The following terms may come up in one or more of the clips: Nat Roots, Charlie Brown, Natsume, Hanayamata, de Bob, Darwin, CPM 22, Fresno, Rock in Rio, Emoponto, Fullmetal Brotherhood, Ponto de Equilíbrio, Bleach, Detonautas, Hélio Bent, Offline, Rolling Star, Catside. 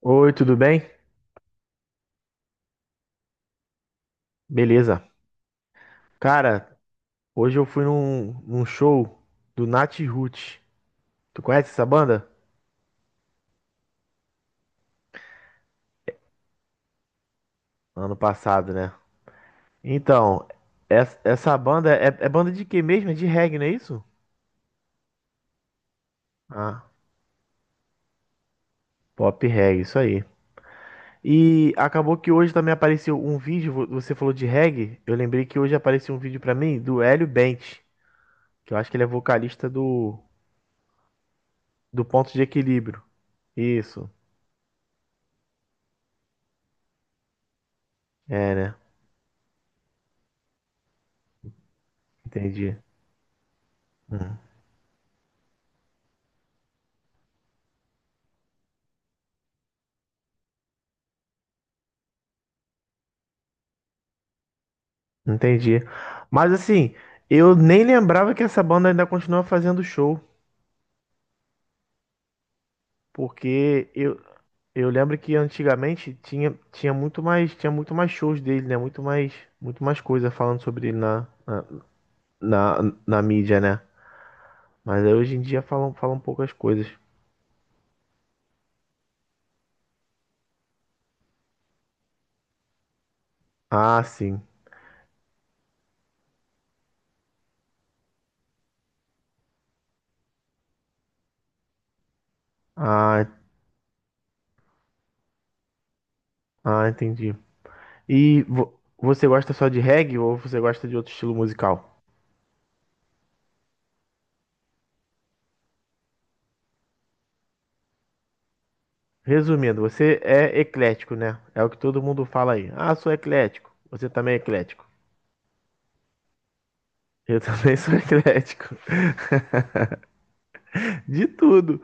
Oi, tudo bem? Beleza. Cara, hoje eu fui num show do Nat Roots. Tu conhece essa banda? Ano passado, né? Então, essa banda é banda de quê mesmo? É de reggae, não é isso? Ah, pop reggae, isso aí. E acabou que hoje também apareceu um vídeo, você falou de reggae, eu lembrei que hoje apareceu um vídeo pra mim do Hélio Bent, que eu acho que ele é vocalista do, do Ponto de Equilíbrio. Isso, é, né? Entendi. Entendi. Mas assim, eu nem lembrava que essa banda ainda continua fazendo show, porque eu lembro que antigamente tinha, tinha muito mais shows dele, né? Muito mais coisa falando sobre ele na, na mídia, né? Mas aí hoje em dia falam poucas coisas. Ah, sim. Ah, ah, entendi. E você gosta só de reggae ou você gosta de outro estilo musical? Resumindo, você é eclético, né? É o que todo mundo fala aí. Ah, sou eclético. Você também é eclético. Eu também sou eclético. De tudo.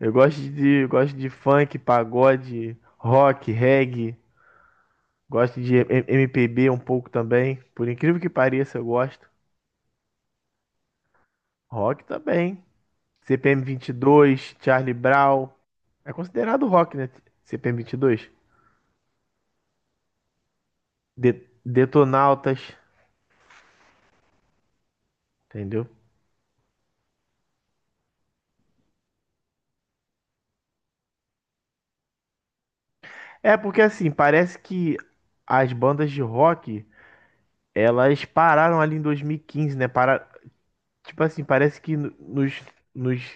Eu gosto de funk, pagode, rock, reggae. Gosto de MPB um pouco também. Por incrível que pareça, eu gosto. Rock também. CPM 22, Charlie Brown. É considerado rock, né? CPM 22. Detonautas, entendeu? É porque assim, parece que as bandas de rock elas pararam ali em 2015, né? Para... Tipo assim, parece que nos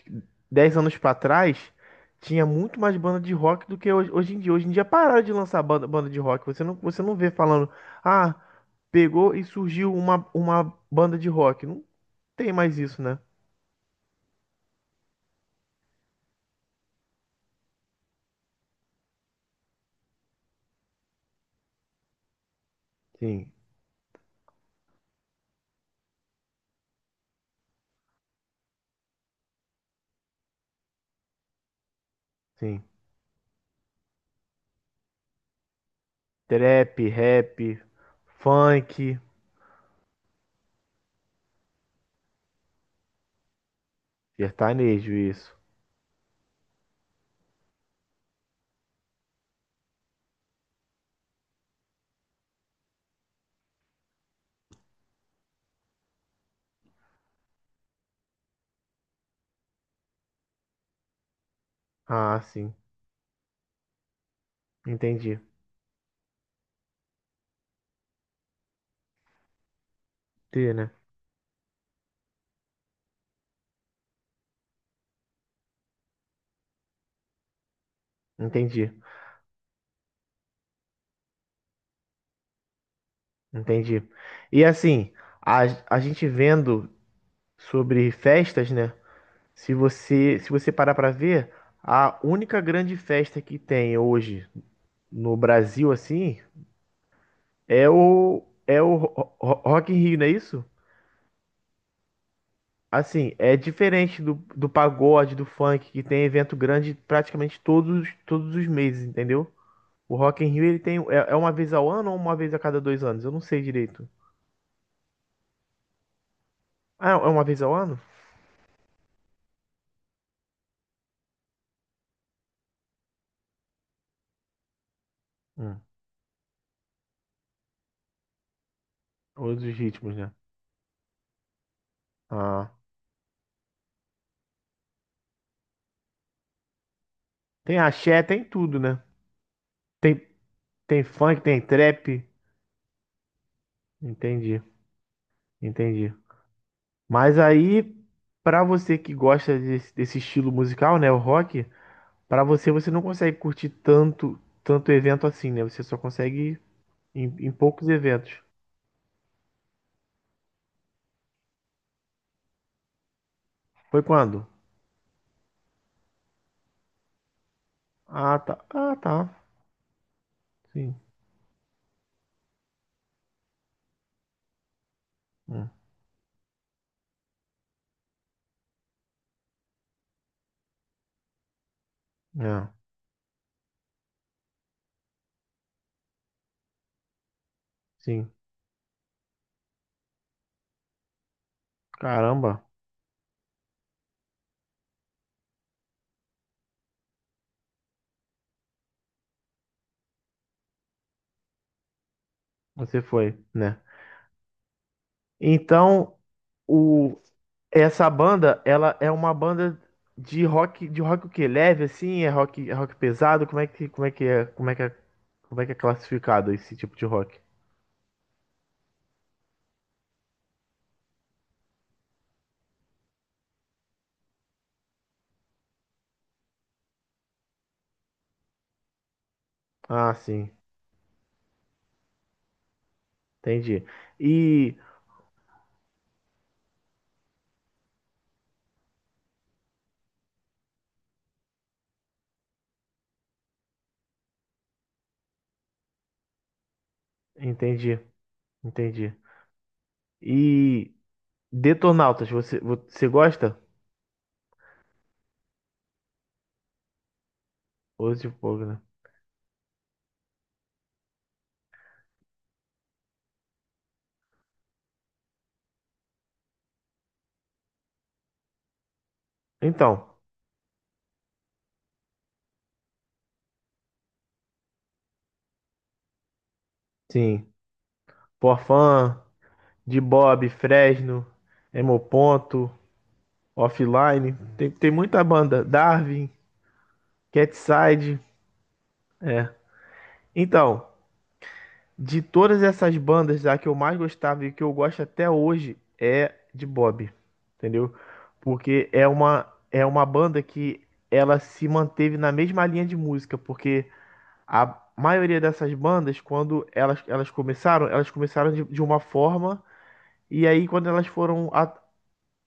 10 anos pra trás tinha muito mais banda de rock do que hoje, hoje em dia. Hoje em dia pararam de lançar banda, banda de rock. Você você não vê falando, ah, pegou e surgiu uma banda de rock. Não tem mais isso, né? Sim, sim. Trap, rap, funk, sertanejo, isso. Ah, sim. Entendi. T, né? Entendi. Entendi. E assim, a, a gente vendo sobre festas, né? Se você, se você parar pra ver, a única grande festa que tem hoje no Brasil, assim, é é o Rock in Rio, não é isso? Assim, é diferente do, do pagode, do funk, que tem evento grande praticamente todos os meses, entendeu? O Rock in Rio, ele tem, é, é uma vez ao ano ou uma vez a cada dois anos? Eu não sei direito. Ah, é uma vez ao ano? Hum. Os ritmos, né? Ah. Tem axé, tem tudo, né? Tem, tem funk, tem trap. Entendi, entendi. Mas aí, pra você que gosta desse, desse estilo musical, né, o rock, pra você não consegue curtir tanto evento assim, né? Você só consegue ir em, em poucos eventos. Foi quando? Ah, tá. Ah, tá. Sim. Hum. É, sim. Caramba, você foi, né? Então, o... Essa banda, ela é uma banda de rock o quê? Leve assim? É rock pesado? Como é que é, como é que é, como é que é classificado esse tipo de rock? Ah, sim, entendi. E entendi, entendi. E Detonautas, você, você gosta? Ou de fogo, né? Então, sim. Porfã, De Bob, Fresno, Emoponto, Offline, tem, tem muita banda. Darwin, Catside, é. Então, de todas essas bandas, a que eu mais gostava e que eu gosto até hoje é de Bob, entendeu? Porque é é uma banda que ela se manteve na mesma linha de música, porque a maioria dessas bandas, quando elas começaram de uma forma, e aí quando elas foram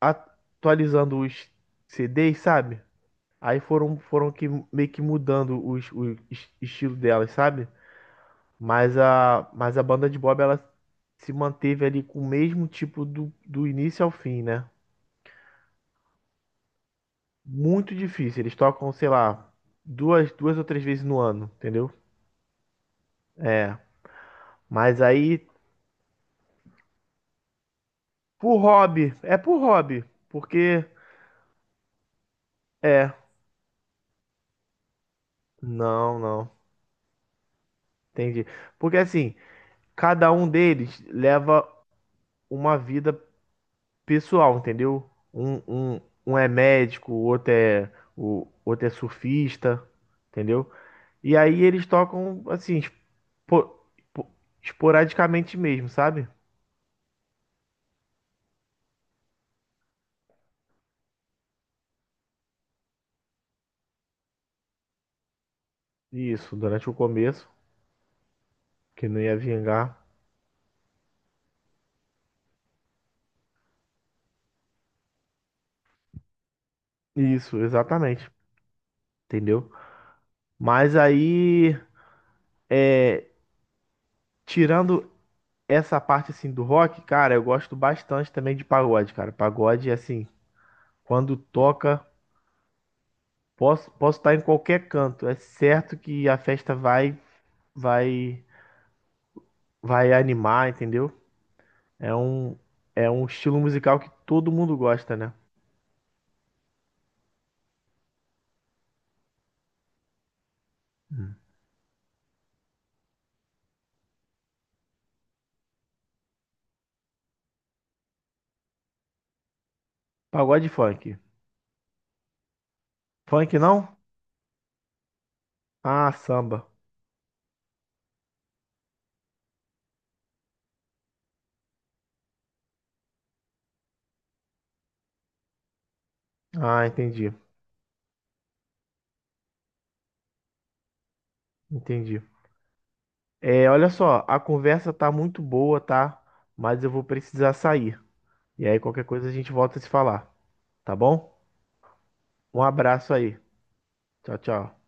atualizando os CDs, sabe? Aí foram que, meio que mudando o estilo delas, sabe? Mas a banda de Bob, ela se manteve ali com o mesmo tipo do, do início ao fim, né? Muito difícil. Eles tocam, sei lá, duas ou três vezes no ano, entendeu? É. Mas aí, por hobby. É por hobby. Porque, é. Não, não. Entendi. Porque assim, cada um deles leva uma vida pessoal, entendeu? Um, um é médico, o outro é surfista, entendeu? E aí eles tocam, assim, espo- espo- esporadicamente mesmo, sabe? Isso, durante o começo, que não ia vingar. Isso, exatamente. Entendeu? Mas aí, tirando essa parte, assim, do rock, cara, eu gosto bastante também de pagode, cara. Pagode, assim, quando toca, posso, posso estar em qualquer canto. É certo que a festa vai, vai animar, entendeu? É é um estilo musical que todo mundo gosta, né? Hum. Pagode e funk. Funk não? Ah, samba. Ah, entendi. Entendi. É, olha só, a conversa tá muito boa, tá? Mas eu vou precisar sair. E aí, qualquer coisa a gente volta a se falar, tá bom? Um abraço aí. Tchau, tchau.